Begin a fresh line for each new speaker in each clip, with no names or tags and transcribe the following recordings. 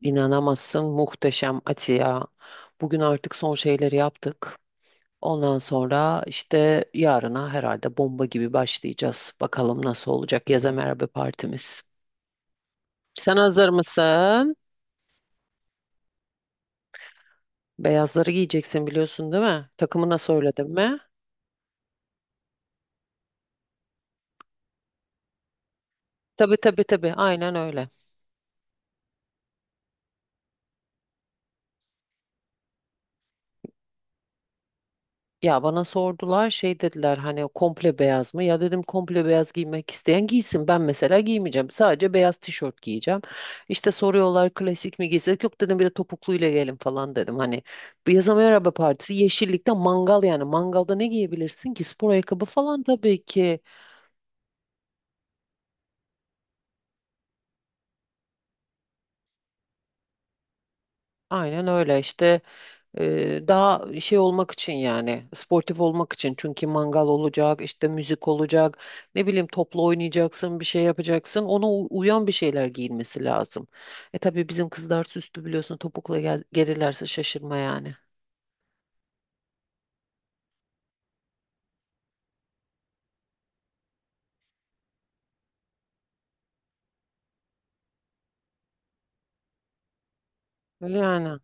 İnanamazsın muhteşem Ati ya. Bugün artık son şeyleri yaptık. Ondan sonra işte yarına herhalde bomba gibi başlayacağız. Bakalım nasıl olacak yaza merhaba partimiz. Sen hazır mısın? Beyazları giyeceksin biliyorsun değil mi? Takımı nasıl söyledim mi? Tabii tabii tabii, aynen öyle. Ya bana sordular şey dediler, hani komple beyaz mı? Ya dedim komple beyaz giymek isteyen giysin. Ben mesela giymeyeceğim. Sadece beyaz tişört giyeceğim. İşte soruyorlar klasik mi giysek? Yok dedim, bir de topukluyla gelin falan dedim. Hani bir yaza merhaba partisi yeşillikte mangal yani. Mangalda ne giyebilirsin ki? Spor ayakkabı falan tabii ki. Aynen öyle işte. Daha şey olmak için, yani sportif olmak için, çünkü mangal olacak işte, müzik olacak, ne bileyim topla oynayacaksın, bir şey yapacaksın, ona uyan bir şeyler giyinmesi lazım. E tabii bizim kızlar süslü biliyorsun, topukla gelirlerse şaşırma yani. Yani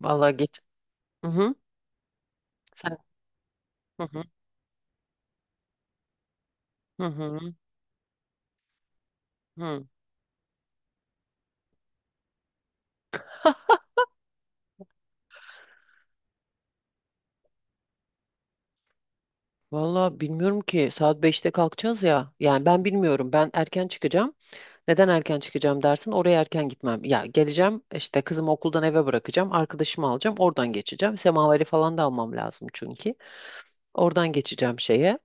vallahi geç. Hı hı. Sen. Hı hı, hı hı. Hı. Vallahi bilmiyorum ki, saat 5'te kalkacağız ya, yani ben bilmiyorum, ben erken çıkacağım. Neden erken çıkacağım dersin? Oraya erken gitmem. Ya geleceğim işte, kızımı okuldan eve bırakacağım. Arkadaşımı alacağım. Oradan geçeceğim. Semaveri falan da almam lazım çünkü. Oradan geçeceğim şeye.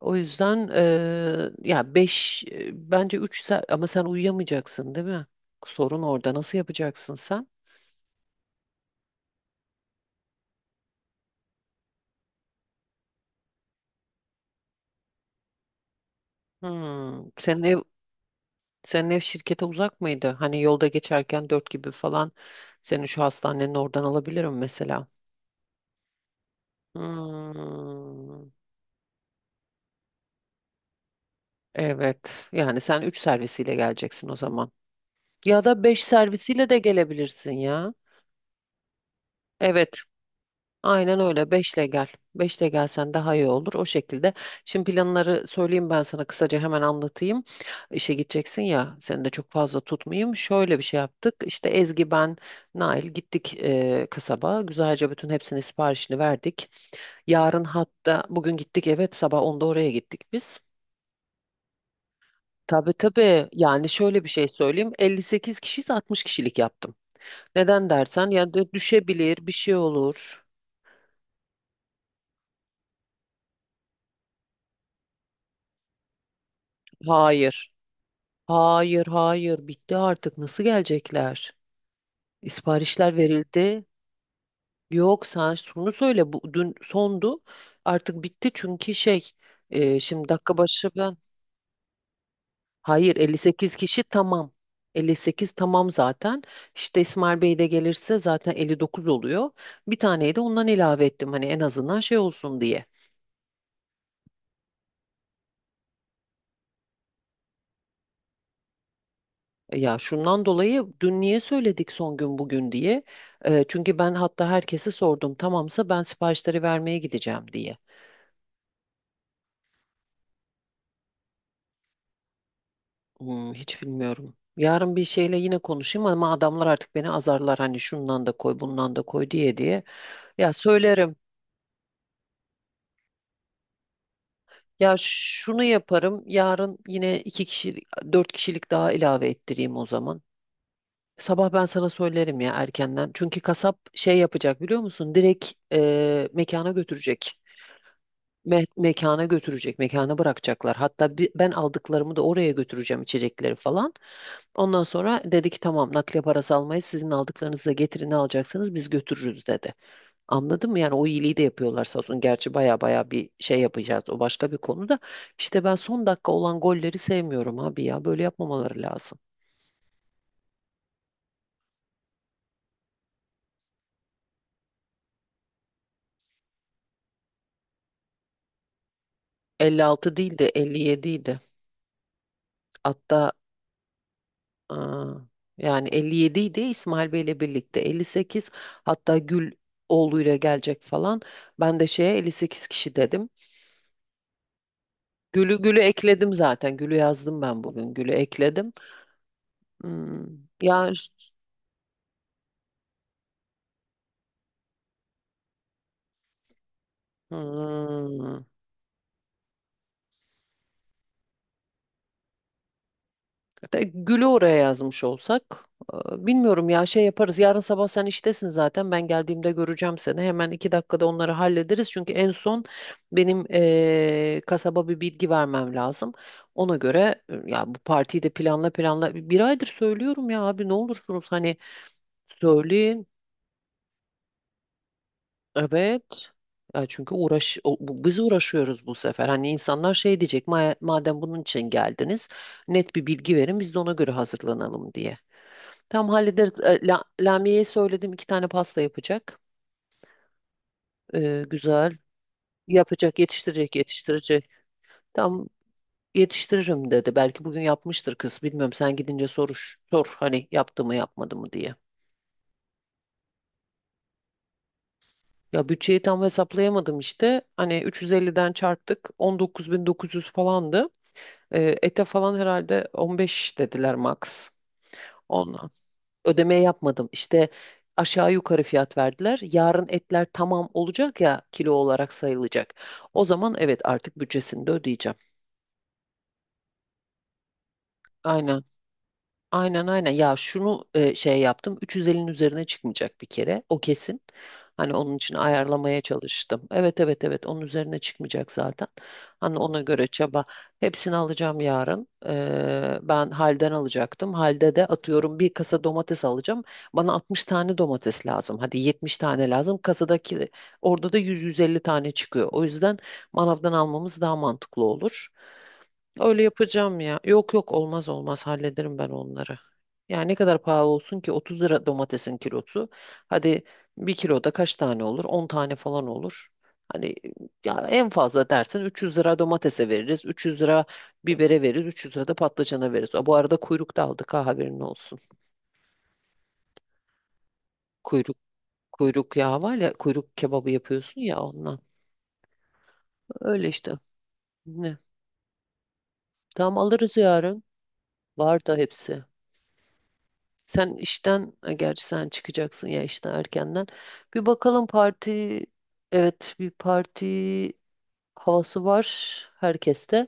O yüzden ya beş, bence 3 saat, ama sen uyuyamayacaksın değil mi? Sorun orada. Nasıl yapacaksın sen? Hmm, senin ev senin ev şirkete uzak mıydı? Hani yolda geçerken 4 gibi falan seni şu hastanenin oradan alabilirim mesela. Hmm. Evet. Yani sen 3 servisiyle geleceksin o zaman. Ya da 5 servisiyle de gelebilirsin ya. Evet. Aynen öyle. 5'le gel. 5'le gelsen daha iyi olur. O şekilde. Şimdi planları söyleyeyim, ben sana kısaca hemen anlatayım. İşe gideceksin ya. Seni de çok fazla tutmayayım. Şöyle bir şey yaptık. İşte Ezgi, ben, Nail gittik kasaba. Güzelce bütün hepsinin siparişini verdik. Yarın, hatta bugün gittik, evet, sabah 10'da oraya gittik biz. Tabii tabii. Yani şöyle bir şey söyleyeyim. 58 kişiyiz, 60 kişilik yaptım. Neden dersen, ya da düşebilir, bir şey olur. Hayır. Hayır hayır, bitti artık, nasıl gelecekler? Siparişler verildi. Yok sen şunu söyle, bu dün sondu. Artık bitti çünkü şey, şimdi dakika başı ben... Hayır, 58 kişi tamam. 58 tamam zaten. İşte İsmail Bey de gelirse zaten 59 oluyor. Bir taneyi de ondan ilave ettim, hani en azından şey olsun diye. Ya şundan dolayı dün niye söyledik son gün bugün diye. Çünkü ben hatta herkese sordum, tamamsa ben siparişleri vermeye gideceğim diye. Hiç bilmiyorum. Yarın bir şeyle yine konuşayım, ama adamlar artık beni azarlar, hani şundan da koy, bundan da koy diye diye. Ya söylerim. Ya şunu yaparım. Yarın yine 2 kişilik, 4 kişilik daha ilave ettireyim o zaman. Sabah ben sana söylerim ya erkenden. Çünkü kasap şey yapacak biliyor musun? Direkt mekana götürecek. Mekana götürecek. Mekana bırakacaklar. Hatta ben aldıklarımı da oraya götüreceğim, içecekleri falan. Ondan sonra dedi ki tamam, nakliye parası almayız. Sizin aldıklarınızı da getirin, ne alacaksınız biz götürürüz dedi. Anladın mı? Yani o iyiliği de yapıyorlar sağ olsun. Gerçi baya baya bir şey yapacağız. O başka bir konuda. İşte ben son dakika olan golleri sevmiyorum abi ya. Böyle yapmamaları lazım. 56 değil de 57 idi. Hatta aa, yani 57 idi İsmail Bey ile birlikte. 58, hatta Gül oğluyla gelecek falan. Ben de şeye 58 kişi dedim. Gül'ü ekledim zaten. Gül'ü yazdım ben bugün. Gül'ü ekledim. Hmm, ya hmm, hatta Gül'ü oraya yazmış olsak. Bilmiyorum ya, şey yaparız. Yarın sabah sen iştesin zaten. Ben geldiğimde göreceğim seni. Hemen 2 dakikada onları hallederiz. Çünkü en son benim kasaba bir bilgi vermem lazım. Ona göre ya bu partiyi de planla planla. Bir aydır söylüyorum ya abi, ne olursunuz, hani söyleyin. Evet. Ya çünkü uğraş biz uğraşıyoruz bu sefer. Hani insanlar şey diyecek: Madem bunun için geldiniz, net bir bilgi verin, biz de ona göre hazırlanalım" diye. Tam hallederiz. Lamiye'ye söyledim, 2 tane pasta yapacak. Güzel. Yapacak, yetiştirecek, yetiştirecek. Tam yetiştiririm dedi. Belki bugün yapmıştır kız. Bilmiyorum, sen gidince sor hani yaptı mı yapmadı mı diye. Ya bütçeyi tam hesaplayamadım işte. Hani 350'den çarptık. 19.900 falandı. Ete falan herhalde 15 dediler max. On, Ödeme yapmadım. İşte aşağı yukarı fiyat verdiler. Yarın etler tamam olacak ya, kilo olarak sayılacak. O zaman evet, artık bütçesini de ödeyeceğim. Aynen. Aynen aynen. Ya şunu şey yaptım. 350'nin üzerine çıkmayacak bir kere. O kesin. Hani onun için ayarlamaya çalıştım. Evet evet evet, onun üzerine çıkmayacak zaten. Hani ona göre çaba. Hepsini alacağım yarın. Ben halden alacaktım. Halde de atıyorum bir kasa domates alacağım. Bana 60 tane domates lazım. Hadi 70 tane lazım. Kasadaki, orada da 100-150 tane çıkıyor. O yüzden manavdan almamız daha mantıklı olur. Öyle yapacağım ya. Yok yok, olmaz olmaz, hallederim ben onları. Yani ne kadar pahalı olsun ki, 30 lira domatesin kilosu. Hadi bir kiloda kaç tane olur? 10 tane falan olur. Hani ya en fazla dersin 300 lira domatese veririz. 300 lira bibere veririz. 300 lira da patlıcana veririz. Bu arada kuyruk da aldık, ha, haberin olsun. Kuyruk Kuyruk yağı var ya, kuyruk kebabı yapıyorsun ya, ondan. Öyle işte. Ne? Tamam, alırız yarın. Var da hepsi. Gerçi sen çıkacaksın ya işten erkenden. Bir bakalım, evet, bir parti havası var herkeste.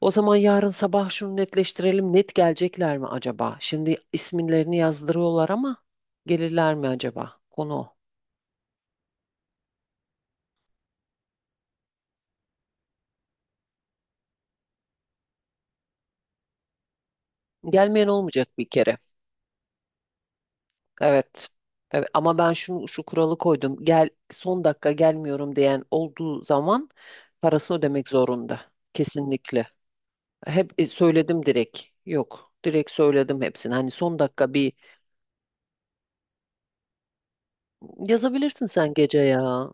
O zaman yarın sabah şunu netleştirelim. Net gelecekler mi acaba? Şimdi isimlerini yazdırıyorlar ama gelirler mi acaba? Konu o. Gelmeyen olmayacak bir kere. Evet. Evet ama ben şu kuralı koydum. Gel son dakika gelmiyorum diyen olduğu zaman parası ödemek zorunda. Kesinlikle. Hep söyledim direkt. Yok. Direkt söyledim hepsini. Hani son dakika bir... Yazabilirsin sen gece ya.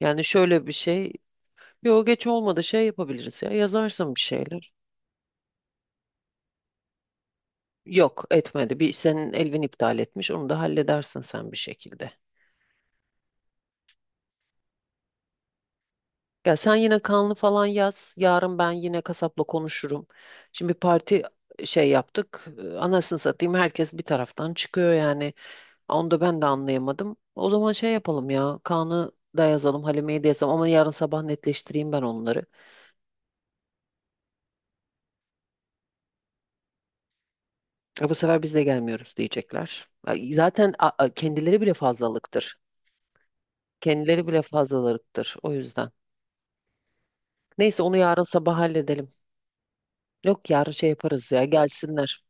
Yani şöyle bir şey. Yok geç olmadı, şey yapabiliriz ya. Yazarsın bir şeyler. Yok etmedi. Bir senin Elvin iptal etmiş. Onu da halledersin sen bir şekilde. Ya sen yine kanlı falan yaz. Yarın ben yine kasapla konuşurum. Şimdi parti şey yaptık. Anasını satayım, herkes bir taraftan çıkıyor yani. Onu da ben de anlayamadım. O zaman şey yapalım ya. Kaan'ı da yazalım, Halime'yi de yazalım, ama yarın sabah netleştireyim ben onları. E bu sefer biz de gelmiyoruz diyecekler. Ay, zaten kendileri bile fazlalıktır. Kendileri bile fazlalıktır o yüzden. Neyse onu yarın sabah halledelim. Yok yarın şey yaparız ya, gelsinler.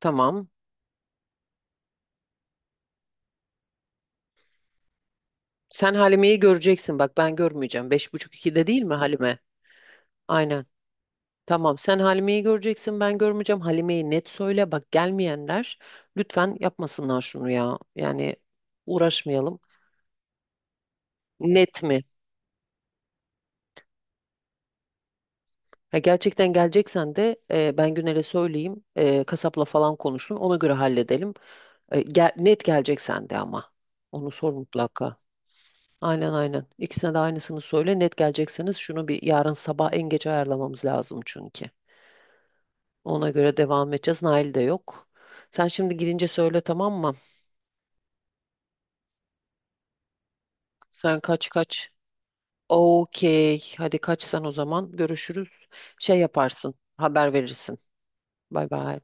Tamam. Sen Halime'yi göreceksin bak, ben görmeyeceğim. Beş buçuk ikide değil mi Halime? Aynen. Tamam, sen Halime'yi göreceksin, ben görmeyeceğim. Halime'yi net söyle bak, gelmeyenler lütfen yapmasınlar şunu ya. Yani uğraşmayalım. Net mi? Ha, gerçekten geleceksen de, ben Güner'e söyleyeyim. Kasapla falan konuşsun, ona göre halledelim. Net geleceksen de ama. Onu sor mutlaka. Aynen aynen. İkisine de aynısını söyle. Net gelecekseniz şunu bir yarın sabah en geç ayarlamamız lazım çünkü. Ona göre devam edeceğiz. Nail de yok. Sen şimdi girince söyle, tamam mı? Sen kaç kaç? Okey. Hadi kaçsan o zaman. Görüşürüz. Şey yaparsın. Haber verirsin. Bay bay.